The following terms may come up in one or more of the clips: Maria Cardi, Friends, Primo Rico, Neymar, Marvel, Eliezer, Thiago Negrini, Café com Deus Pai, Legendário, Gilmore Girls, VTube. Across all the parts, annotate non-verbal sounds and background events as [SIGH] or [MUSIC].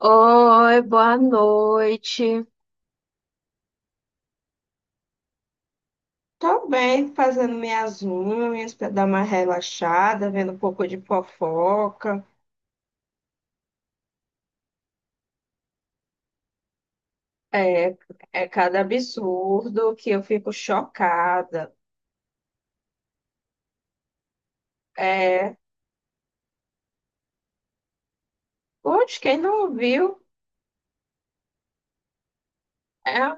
Oi, boa noite. Tô bem, fazendo minhas unhas para dar uma relaxada, vendo um pouco de fofoca. É, é cada absurdo que eu fico chocada. É, putz, quem não viu, é,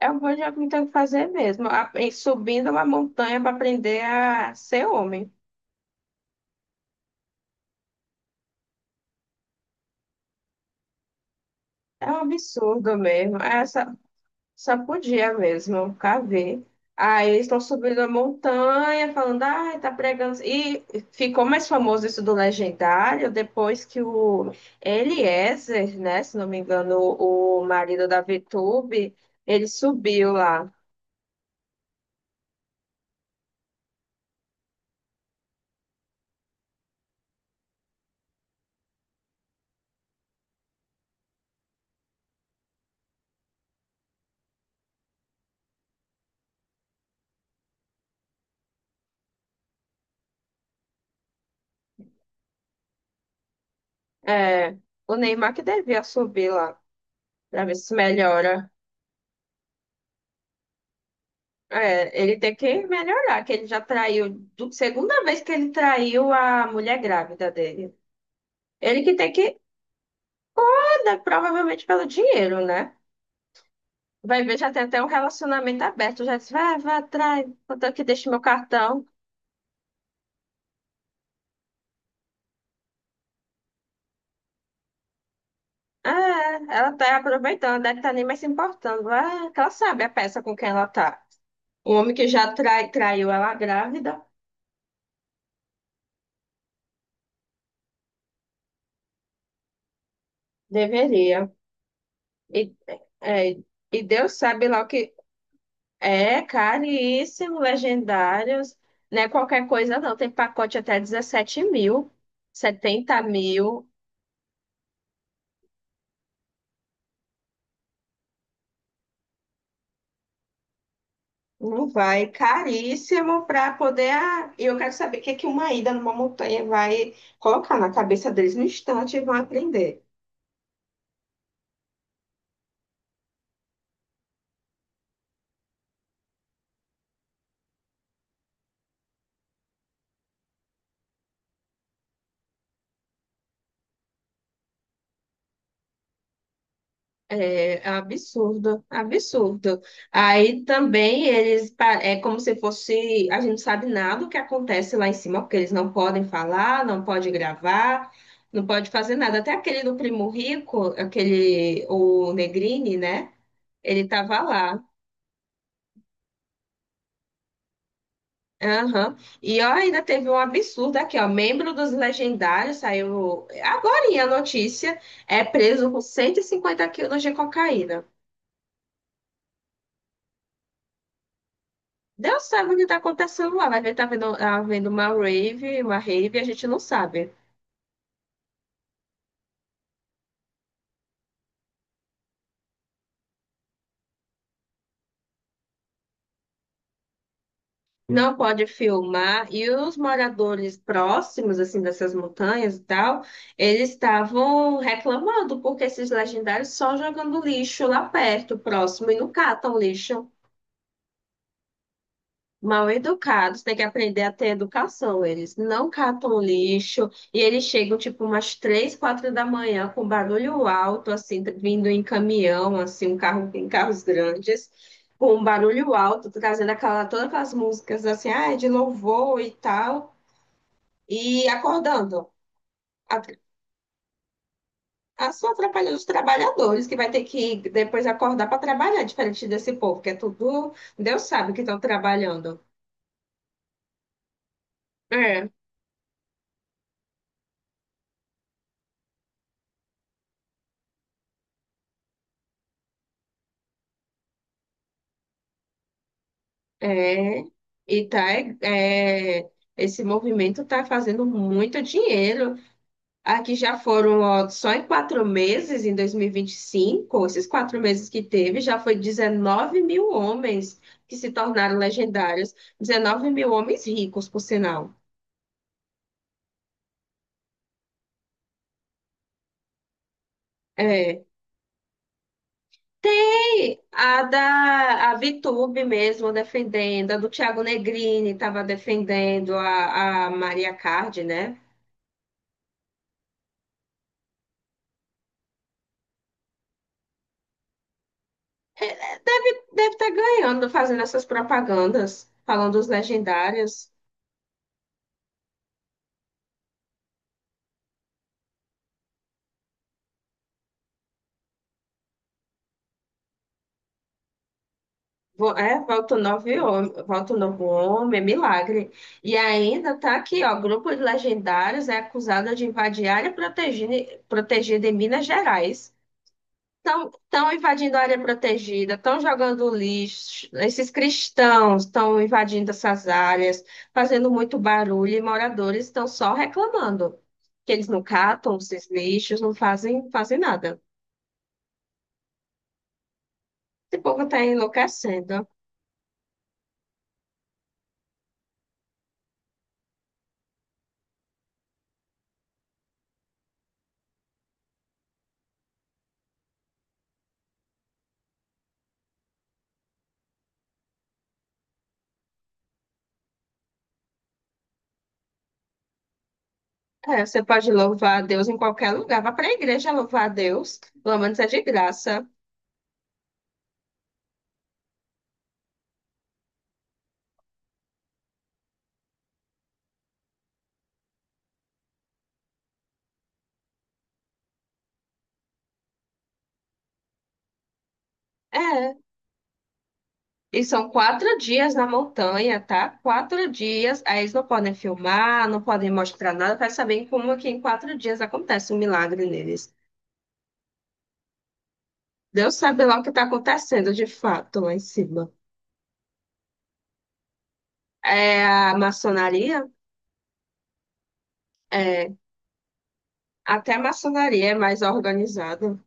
é o que eu me tenho que fazer mesmo. E subindo uma montanha para aprender a ser homem. É um absurdo mesmo. Sacudia mesmo, cavei. Aí eles estão subindo a montanha, falando, ai, tá pregando. E ficou mais famoso isso do Legendário depois que o Eliezer, né, se não me engano, o marido da VTube, ele subiu lá. É, o Neymar que devia subir lá, pra ver se melhora. É, ele tem que melhorar, que ele já traiu, segunda vez que ele traiu a mulher grávida dele. Ele que tem que andar, provavelmente pelo dinheiro, né? Vai ver, já tem até um relacionamento aberto. Já disse, vai, vai atrás, contanto que deixe meu cartão. Ah, é, ela tá aproveitando, deve estar nem mais se importando. Ah, que ela sabe a peça com quem ela tá. O homem que já trai, traiu ela grávida, deveria. E, é, e Deus sabe lá o que é caríssimo, legendários. Não é qualquer coisa, não. Tem pacote até 17 mil, 70 mil. Não vai, caríssimo para poder. E eu quero saber o que é que uma ida numa montanha vai colocar na cabeça deles no instante e vão aprender. É absurdo, absurdo. Aí também eles é como se fosse, a gente não sabe nada do que acontece lá em cima, porque eles não podem falar, não pode gravar, não pode fazer nada. Até aquele do Primo Rico, aquele o Negrini, né? Ele tava lá. Aham. E ó, ainda teve um absurdo aqui, ó. Membro dos legendários saiu agorinha a notícia, é preso com 150 quilos de cocaína. Deus sabe o que está acontecendo lá. Vai ver tá havendo uma rave, a gente não sabe. Não pode filmar. E os moradores próximos, assim, dessas montanhas e tal, eles estavam reclamando porque esses legendários só jogando lixo lá perto, próximo, e não catam lixo. Mal educados, tem que aprender a ter educação. Eles não catam lixo e eles chegam tipo umas três, quatro da manhã com barulho alto, assim, vindo em caminhão, assim, um carro em carros grandes, com um barulho alto, trazendo aquela, todas aquelas músicas assim, ah, de louvor e tal, e acordando. A, a Só atrapalhando os trabalhadores, que vai ter que depois acordar para trabalhar, diferente desse povo, que é tudo, Deus sabe que estão trabalhando. É. É, e tá, é, é, esse movimento está fazendo muito dinheiro. Aqui já foram, ó, só em 4 meses, em dois mil e vinte e cinco esses 4 meses que teve, já foi 19 mil homens que se tornaram legendários. 19 mil homens ricos, por sinal. É. Tem a da a Vitube mesmo defendendo, a do Thiago Negrini estava defendendo a Maria Cardi, né? Deve, deve estar ganhando fazendo essas propagandas, falando dos legendários. É, volta o novo homem, volta o novo homem, é milagre. E ainda tá aqui, ó, grupo de legendários é acusado de invadir área protegida em Minas Gerais. Estão invadindo a área protegida, estão jogando lixo, esses cristãos estão invadindo essas áreas, fazendo muito barulho e moradores estão só reclamando que eles não catam esses lixos, não fazem, fazem nada. Esse povo está enlouquecendo. É, você pode louvar a Deus em qualquer lugar, vá para a igreja louvar a Deus, pelo menos é de graça. É, e são 4 dias na montanha, tá? 4 dias. Aí eles não podem filmar, não podem mostrar nada para saber como é que em 4 dias acontece um milagre neles. Deus sabe lá o que está acontecendo de fato lá em cima. É a maçonaria? É. Até a maçonaria é mais organizada.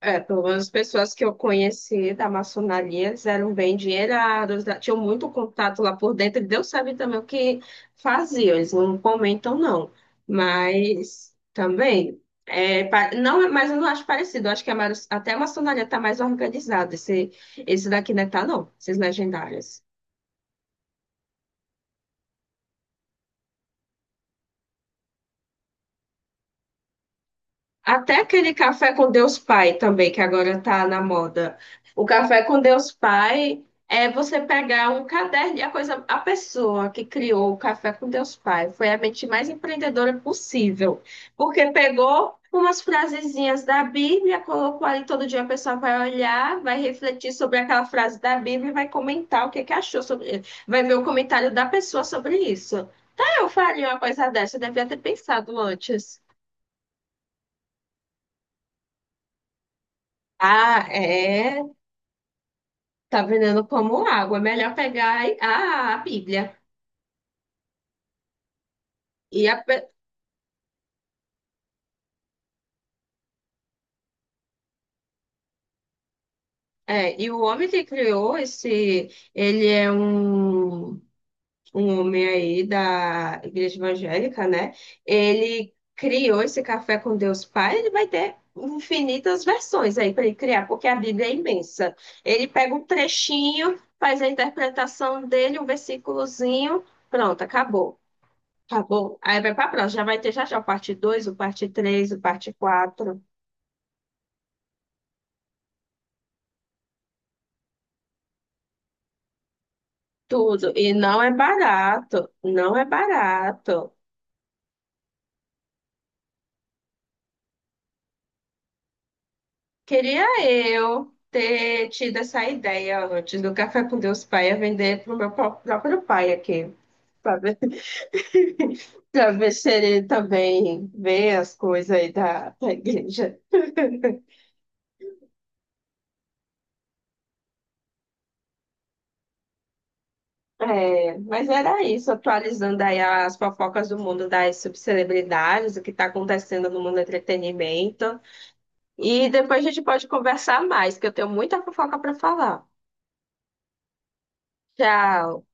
É, pelo menos as pessoas que eu conheci da maçonaria, eles eram bem endinheirados, tinham muito contato lá por dentro, e Deus sabe também o que faziam, eles não comentam, não. Mas também, é, não, mas eu não acho parecido, eu acho que a, até a maçonaria está mais organizada, esse daqui não está, não, esses legendários. Até aquele café com Deus Pai também, que agora tá na moda. O café com Deus Pai é você pegar um caderno e a coisa, a pessoa que criou o café com Deus Pai foi a mente mais empreendedora possível, porque pegou umas frasezinhas da Bíblia, colocou ali todo dia a pessoa vai olhar, vai refletir sobre aquela frase da Bíblia e vai comentar o que que achou sobre, vai ver o comentário da pessoa sobre isso. Ah, eu faria uma coisa dessa, eu devia ter pensado antes. Ah, é. Tá vendendo como água. É melhor pegar a Bíblia. E, e o homem que criou esse, ele é um homem aí da igreja evangélica, né? Ele criou esse café com Deus Pai, ele vai ter infinitas versões aí para ele criar, porque a Bíblia é imensa. Ele pega um trechinho, faz a interpretação dele, um versículozinho, pronto, acabou. Acabou. Aí vai para a próxima, já vai ter já já o parte 2 o parte 3 o parte quatro. Tudo. E não é barato. Não é barato. Queria eu ter tido essa ideia antes do Café com Deus Pai a vender para o meu próprio pai aqui. Para ver, [LAUGHS] para ver se ele também vê as coisas aí da, da igreja. [LAUGHS] É, mas era isso, atualizando aí as fofocas do mundo das subcelebridades, o que está acontecendo no mundo do entretenimento. E depois a gente pode conversar mais, que eu tenho muita fofoca para falar. Tchau.